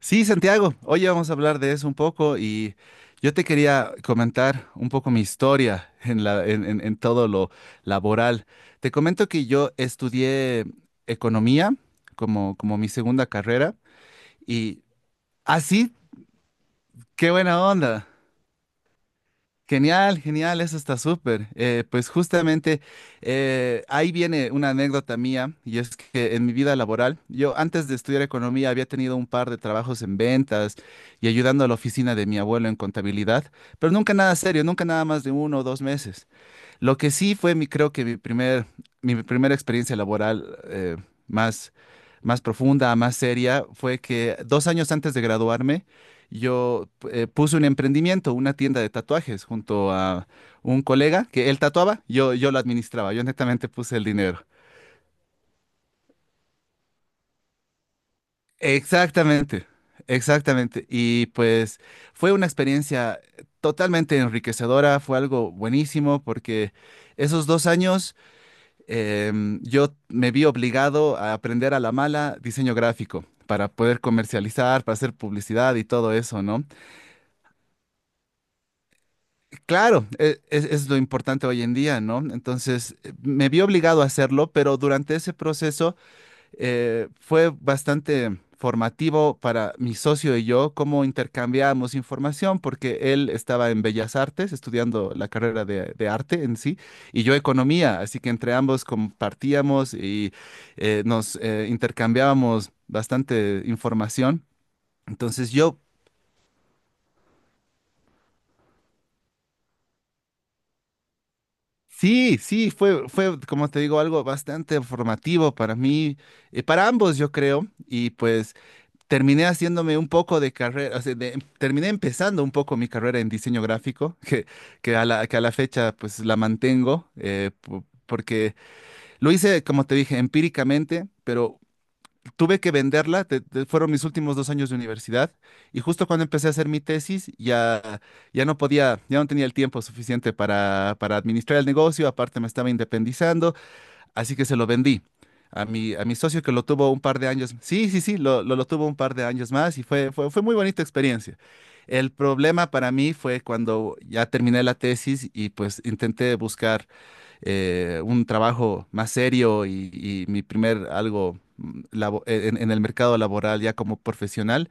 Sí, Santiago, hoy vamos a hablar de eso un poco y yo te quería comentar un poco mi historia en todo lo laboral. Te comento que yo estudié economía como mi segunda carrera y así, qué buena onda. Genial, genial, eso está súper. Pues justamente ahí viene una anécdota mía y es que en mi vida laboral, yo antes de estudiar economía había tenido un par de trabajos en ventas y ayudando a la oficina de mi abuelo en contabilidad, pero nunca nada serio, nunca nada más de uno o dos meses. Lo que sí fue, creo que mi primer, mi primera experiencia laboral más, más profunda, más seria, fue que dos años antes de graduarme, yo puse un emprendimiento, una tienda de tatuajes, junto a un colega que él tatuaba, yo lo administraba, yo netamente puse el dinero. Exactamente, exactamente. Y pues fue una experiencia totalmente enriquecedora, fue algo buenísimo porque esos dos años yo me vi obligado a aprender a la mala diseño gráfico para poder comercializar, para hacer publicidad y todo eso, ¿no? Claro, es lo importante hoy en día, ¿no? Entonces, me vi obligado a hacerlo, pero durante ese proceso fue bastante formativo para mi socio y yo cómo intercambiábamos información, porque él estaba en Bellas Artes estudiando la carrera de arte en sí, y yo economía, así que entre ambos compartíamos y nos intercambiábamos bastante información. Entonces yo... Sí, sí, fue, como te digo, algo bastante formativo para mí, para ambos, yo creo, y pues terminé haciéndome un poco de carrera, o sea, terminé empezando un poco mi carrera en diseño gráfico, que a la fecha pues la mantengo, porque lo hice, como te dije, empíricamente, pero tuve que venderla, fueron mis últimos dos años de universidad, y justo cuando empecé a hacer mi tesis, ya, ya no podía, ya no tenía el tiempo suficiente para administrar el negocio, aparte me estaba independizando. Así que se lo vendí a a mi socio que lo tuvo un par de años. Sí, sí, sí, lo tuvo un par de años más y fue muy bonita experiencia. El problema para mí fue cuando ya terminé la tesis y pues intenté buscar un trabajo más serio y mi primer algo en el mercado laboral ya como profesional.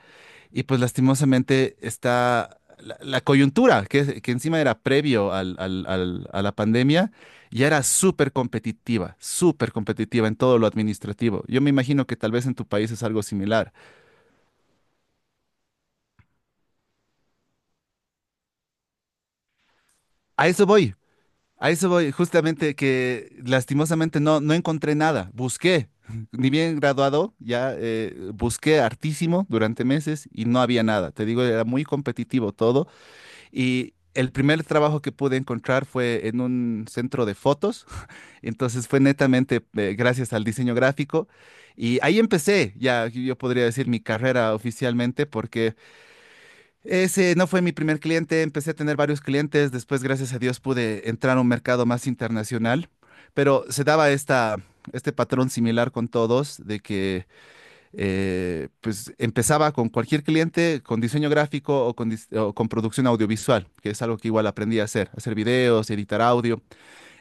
Y pues lastimosamente está la coyuntura, que encima era previo a la pandemia, ya era súper competitiva en todo lo administrativo. Yo me imagino que tal vez en tu país es algo similar. A eso voy, a eso voy, justamente que lastimosamente no encontré nada, busqué. Ni bien graduado, ya busqué hartísimo durante meses y no había nada. Te digo, era muy competitivo todo. Y el primer trabajo que pude encontrar fue en un centro de fotos, entonces fue netamente gracias al diseño gráfico y ahí empecé, ya yo podría decir mi carrera oficialmente porque ese no fue mi primer cliente, empecé a tener varios clientes, después gracias a Dios pude entrar a un mercado más internacional, pero se daba este patrón similar con todos de que pues empezaba con cualquier cliente, con diseño gráfico o o con producción audiovisual, que es algo que igual aprendí a hacer, hacer videos, editar audio.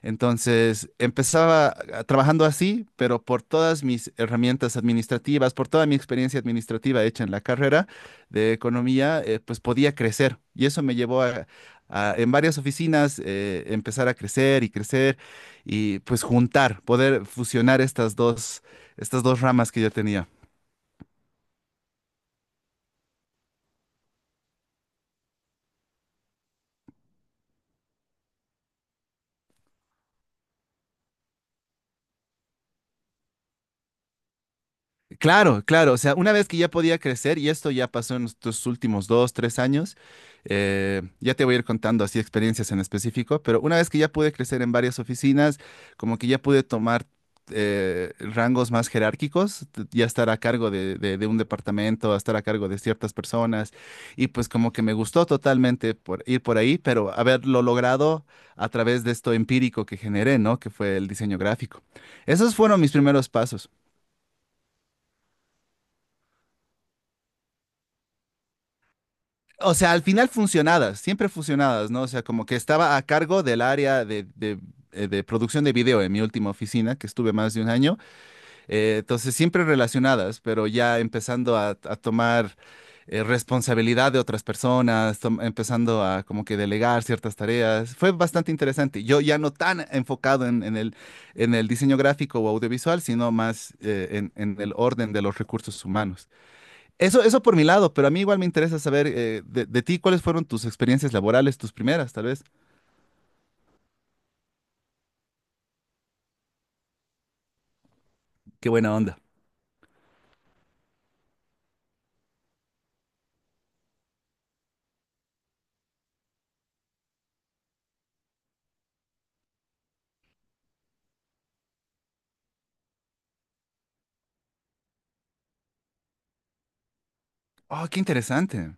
Entonces empezaba trabajando así, pero por todas mis herramientas administrativas, por toda mi experiencia administrativa hecha en la carrera de economía, pues podía crecer. Y eso me llevó en varias oficinas, empezar a crecer y crecer y pues juntar, poder fusionar estas dos ramas que yo tenía. Claro, claro, o sea, una vez que ya podía crecer, y esto ya pasó en estos últimos dos, tres años, ya te voy a ir contando así experiencias en específico, pero una vez que ya pude crecer en varias oficinas, como que ya pude tomar rangos más jerárquicos, ya estar a cargo de, de un departamento, estar a cargo de ciertas personas, y pues como que me gustó totalmente por ir por ahí, pero haberlo logrado a través de esto empírico que generé, ¿no? Que fue el diseño gráfico. Esos fueron mis primeros pasos. O sea, al final funcionadas, siempre funcionadas, ¿no? O sea, como que estaba a cargo del área de producción de video en mi última oficina, que estuve más de un año. Entonces, siempre relacionadas, pero ya empezando a tomar responsabilidad de otras personas, empezando a como que delegar ciertas tareas. Fue bastante interesante. Yo ya no tan enfocado en el diseño gráfico o audiovisual, sino más en el orden de los recursos humanos. Eso por mi lado, pero a mí igual me interesa saber de ti cuáles fueron tus experiencias laborales, tus primeras, tal vez. Qué buena onda. Oh, qué interesante.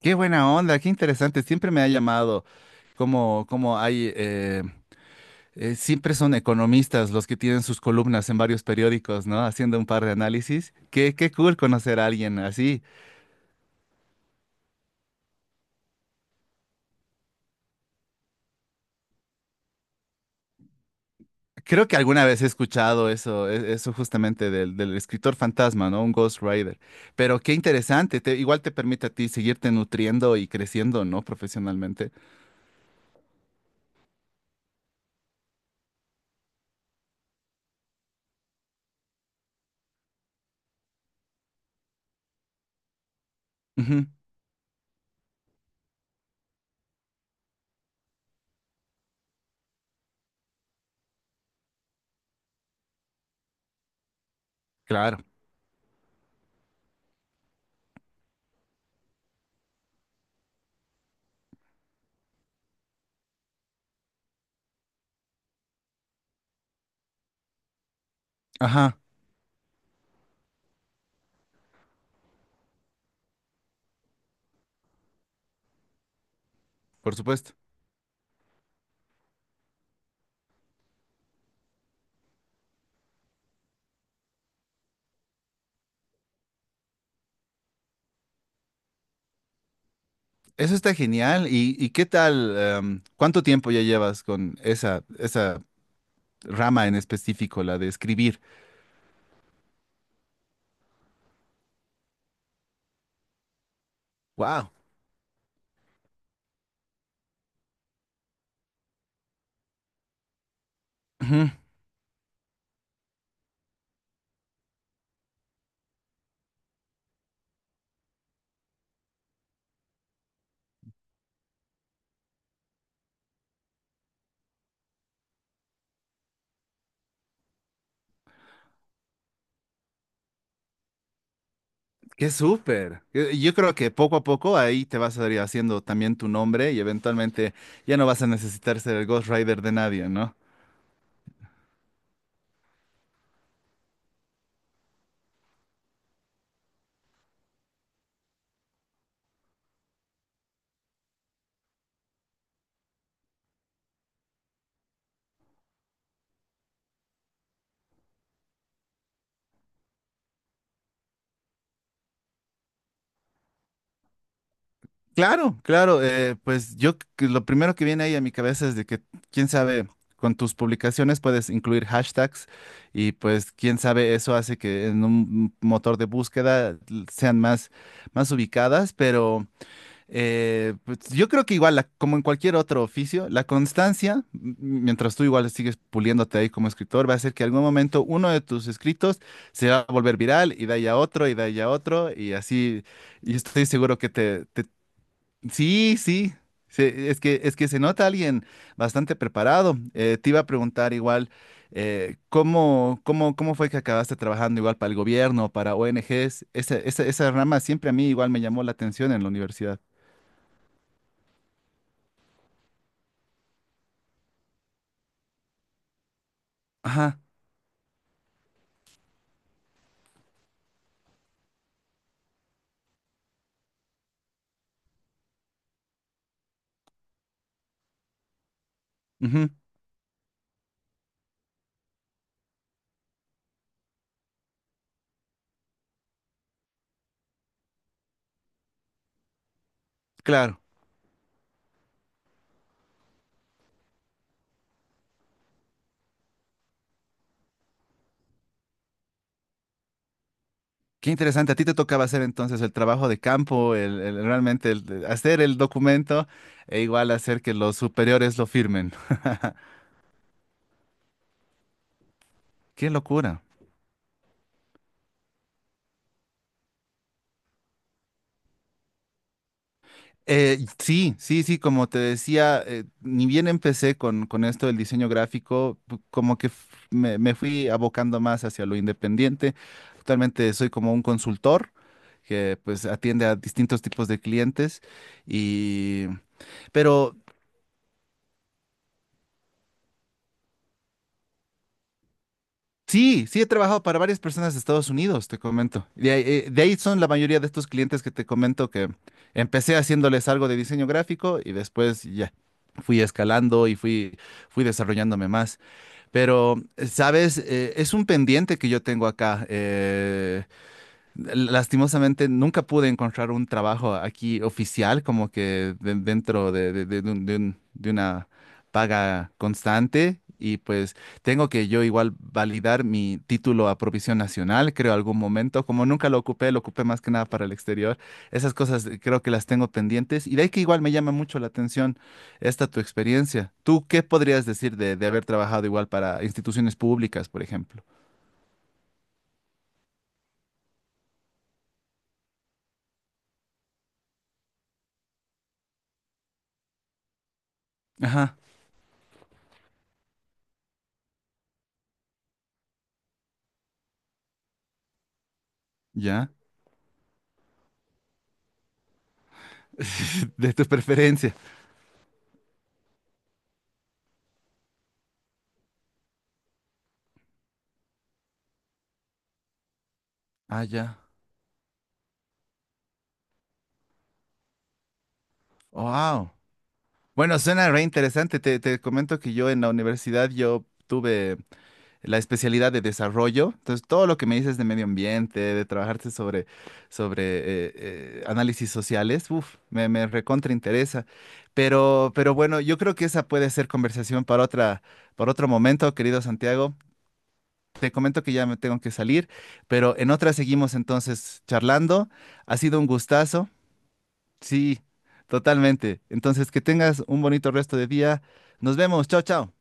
Qué buena onda, qué interesante. Siempre me ha llamado como, como hay, eh, siempre son economistas los que tienen sus columnas en varios periódicos, ¿no? Haciendo un par de análisis. Qué cool conocer a alguien así. Creo que alguna vez he escuchado eso, eso justamente del escritor fantasma, ¿no? Un Ghost Rider. Pero qué interesante, igual te permite a ti seguirte nutriendo y creciendo, ¿no? Profesionalmente. Ujú, claro. Ajá, por supuesto. Eso está genial. Y qué tal? ¿Cuánto tiempo ya llevas con esa, esa rama en específico, la de escribir? Wow. Qué súper. Yo creo que poco a poco ahí te vas a ir haciendo también tu nombre y eventualmente ya no vas a necesitar ser el Ghost Rider de nadie, ¿no? Claro, claro. Pues yo que lo primero que viene ahí a mi cabeza es de que, quién sabe, con tus publicaciones puedes incluir hashtags y pues quién sabe, eso hace que en un motor de búsqueda sean más, más ubicadas, pero... Pues, yo creo que igual, como en cualquier otro oficio, la constancia, mientras tú igual sigues puliéndote ahí como escritor, va a hacer que algún momento uno de tus escritos se va a volver viral y de ahí a otro y de ahí a otro y así, y estoy seguro que sí, sí, es que se nota alguien bastante preparado. Te iba a preguntar igual, ¿cómo fue que acabaste trabajando igual para el gobierno, para ONGs? Esa, esa, esa rama siempre a mí igual me llamó la atención en la universidad. Ajá. Ujú, claro. Qué interesante. A ti te tocaba hacer entonces el trabajo de campo, realmente el hacer el documento e igual hacer que los superiores lo firmen. Qué locura. Sí, sí, sí, como te decía, ni bien empecé con esto del diseño gráfico, como que me fui abocando más hacia lo independiente. Actualmente soy como un consultor que pues atiende a distintos tipos de clientes y... Pero sí, sí he trabajado para varias personas de Estados Unidos, te comento. De ahí son la mayoría de estos clientes que te comento que empecé haciéndoles algo de diseño gráfico y después ya fui escalando y fui desarrollándome más. Pero, ¿sabes? Es un pendiente que yo tengo acá. Lastimosamente nunca pude encontrar un trabajo aquí oficial, como que dentro de una paga constante. Y pues tengo que yo igual validar mi título a provisión nacional, creo, algún momento. Como nunca lo ocupé, lo ocupé más que nada para el exterior. Esas cosas creo que las tengo pendientes. Y de ahí que igual me llama mucho la atención esta tu experiencia. ¿Tú qué podrías decir de haber trabajado igual para instituciones públicas, por ejemplo? Ajá, ya, de tu preferencia. Ah, ya. Wow. Bueno, suena re interesante. Te comento que yo en la universidad yo tuve la especialidad de desarrollo. Entonces, todo lo que me dices de medio ambiente, de trabajarte sobre, sobre análisis sociales, uf, me recontra interesa. Pero bueno, yo creo que esa puede ser conversación para otra, para otro momento, querido Santiago. Te comento que ya me tengo que salir, pero en otra seguimos entonces charlando. Ha sido un gustazo. Sí, totalmente. Entonces, que tengas un bonito resto de día. Nos vemos. Chao, chao.